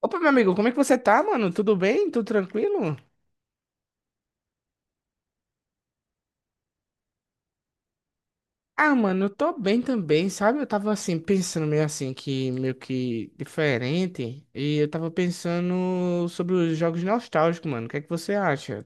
Opa, meu amigo, como é que você tá, mano? Tudo bem? Tudo tranquilo? Ah, mano, eu tô bem também, sabe? Eu tava assim, pensando meio assim, que meio que diferente. E eu tava pensando sobre os jogos nostálgicos, mano. O que é que você acha?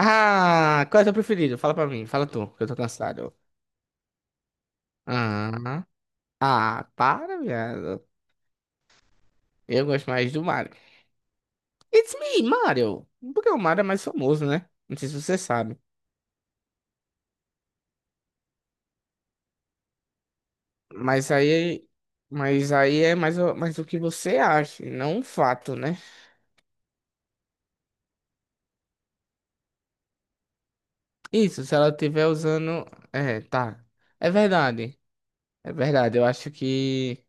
Ah, qual é o teu preferido? Fala pra mim, fala tu, que eu tô cansado. Ah, ah, para, viado. Eu gosto mais do Mario. It's me, Mario. Porque o Mario é mais famoso, né? Não sei se você sabe. Mas aí, mas aí é mais, mais o que você acha, e não um fato, né? Isso, se ela estiver usando. É, tá. É verdade. É verdade. Eu acho que,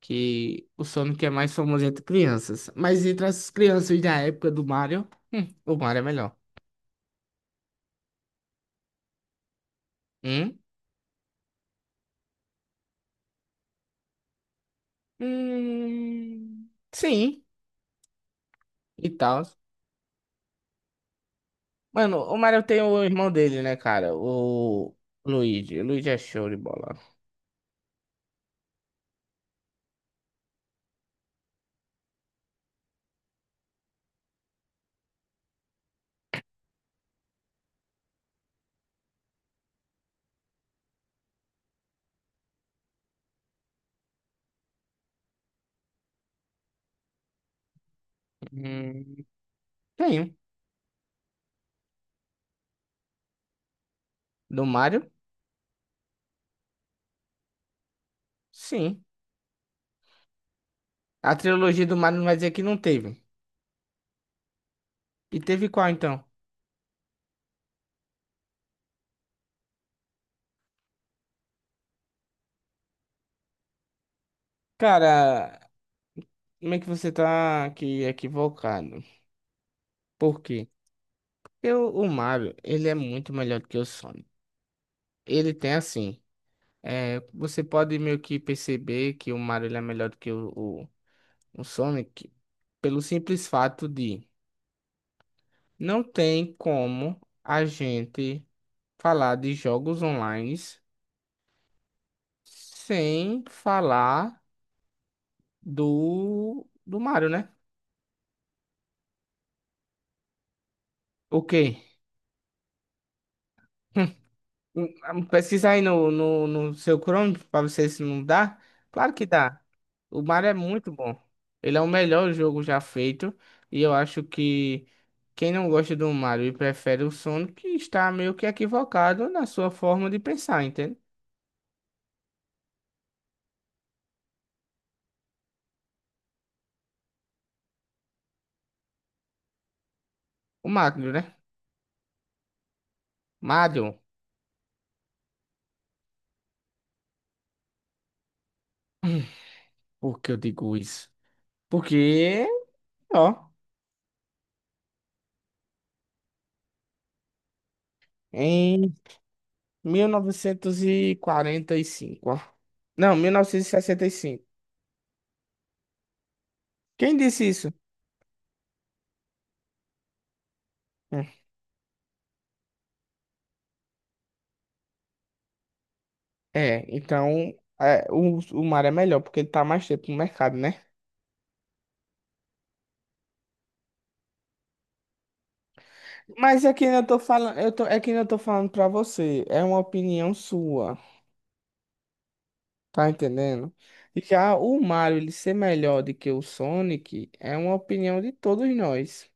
que o Sonic é mais famoso entre crianças. Mas entre as crianças da época do Mario, o Mario é melhor. Hum? Sim, e tal. Mano, o Mario tem o irmão dele, né, cara? O Luigi. O Luigi é show de bola. Hum, tem. Do Mario? Sim. A trilogia do Mario não vai dizer que não teve. E teve qual então? Cara, como é que você tá aqui equivocado? Por quê? Porque o Mario, ele é muito melhor do que o Sonic. Ele tem assim, é, você pode meio que perceber que o Mario ele é melhor do que o, o Sonic pelo simples fato de não tem como a gente falar de jogos online sem falar do Mario, né? O quê? Pesquisa aí no seu Chrome pra você se não dá. Claro que dá. O Mario é muito bom. Ele é o melhor jogo já feito. E eu acho que quem não gosta do Mario e prefere o Sonic está meio que equivocado na sua forma de pensar, entende? O Mario, né? Mario, por que eu digo isso? Porque, ó, em mil novecentos e quarenta e cinco, ó. Não, 1965. Quem disse isso? É, então é, o mar é melhor porque ele tá mais tempo no mercado, né? Mas é que eu tô falando, eu tô, é que eu tô falando pra você, é uma opinião sua, tá entendendo? E já o Mario ele ser melhor do que o Sonic é uma opinião de todos nós.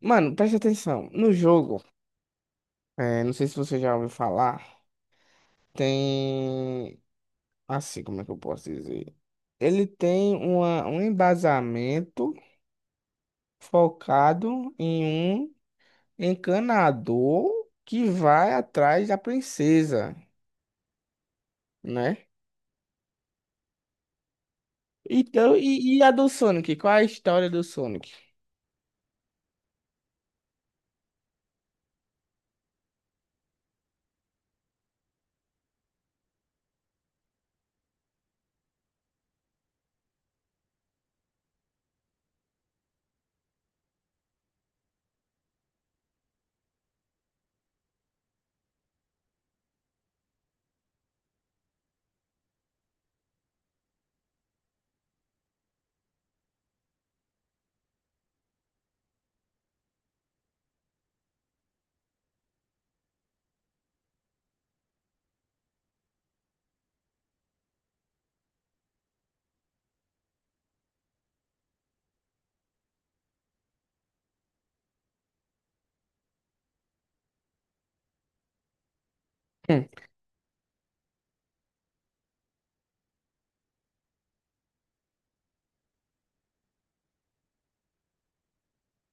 Mano, preste atenção, no jogo, não sei se você já ouviu falar, tem assim, como é que eu posso dizer? Ele tem um embasamento focado em um encanador que vai atrás da princesa, né? Então, e a do Sonic? Qual é a história do Sonic? Hum,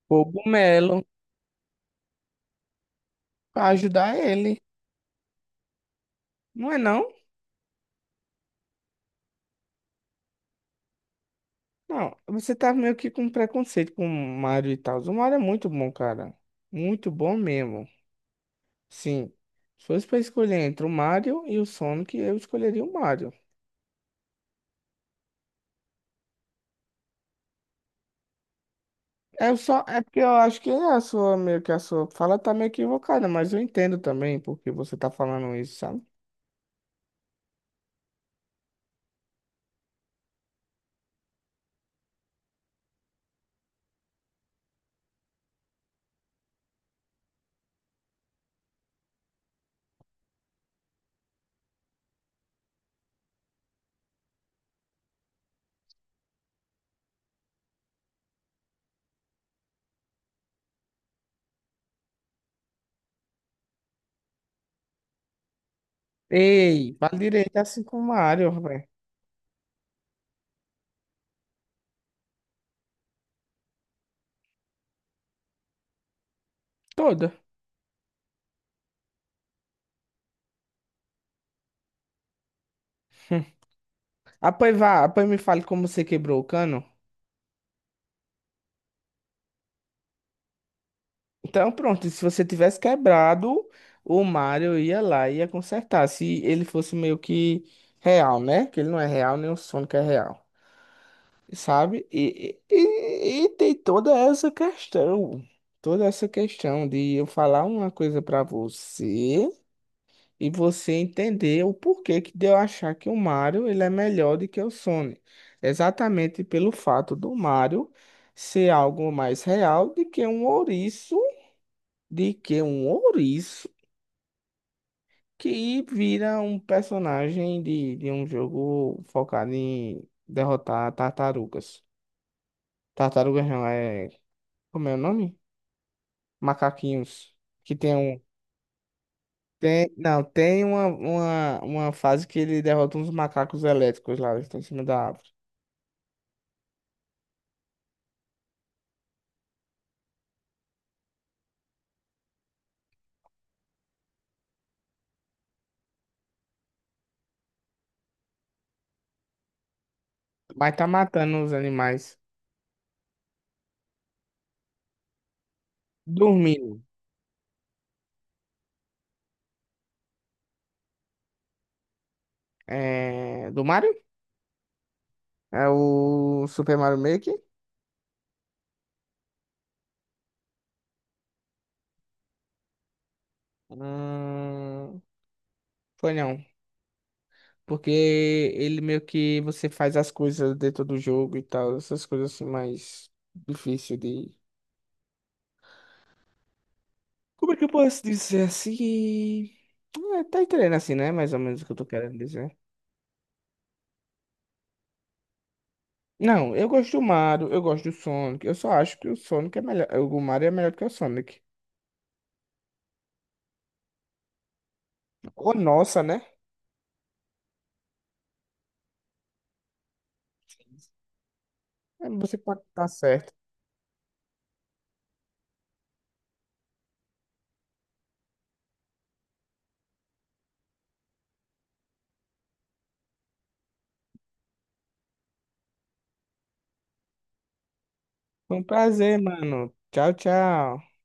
Cogumelo pra ajudar ele. Não é não? Não, você tá meio que com preconceito com o Mario e tal. O Mario é muito bom, cara. Muito bom mesmo. Sim. Se fosse pra escolher entre o Mario e o Sonic, eu escolheria o Mario. É só, é porque eu acho que é a sua fala tá meio equivocada, mas eu entendo também porque você tá falando isso, sabe? Ei, fala direito é assim com o Mario, velho. Toda. Apoi vá, apoi me fale como você quebrou o cano. Então, pronto, se você tivesse quebrado, o Mario ia lá e ia consertar. Se ele fosse meio que real, né? Que ele não é real, nem o Sonic é real, sabe? E tem toda essa questão de eu falar uma coisa pra você. E você entender o porquê que de eu achar que o Mario ele é melhor do que o Sonic. Exatamente pelo fato do Mario ser algo mais real do que um ouriço, de que um ouriço que vira um personagem de um jogo focado em derrotar tartarugas. Tartarugas não, é... Como é o nome? Macaquinhos. Que tem um... Tem, não, tem uma fase que ele derrota uns macacos elétricos lá, eles estão em cima da árvore. Vai estar matando os animais. Dormindo. É... Do Mario? É o Super Mario Maker? Hum... Foi não. Porque ele meio que você faz as coisas dentro do jogo e tal. Essas coisas assim mais difícil de... Como é que eu posso dizer assim? É, tá entendendo assim, né? Mais ou menos o que eu tô querendo dizer. Não, eu gosto do Mario, eu gosto do Sonic. Eu só acho que o Sonic é melhor. O Mario é melhor que o Sonic. Ô, nossa, né? É, você pode estar certo. Foi um prazer, mano. Tchau, tchau.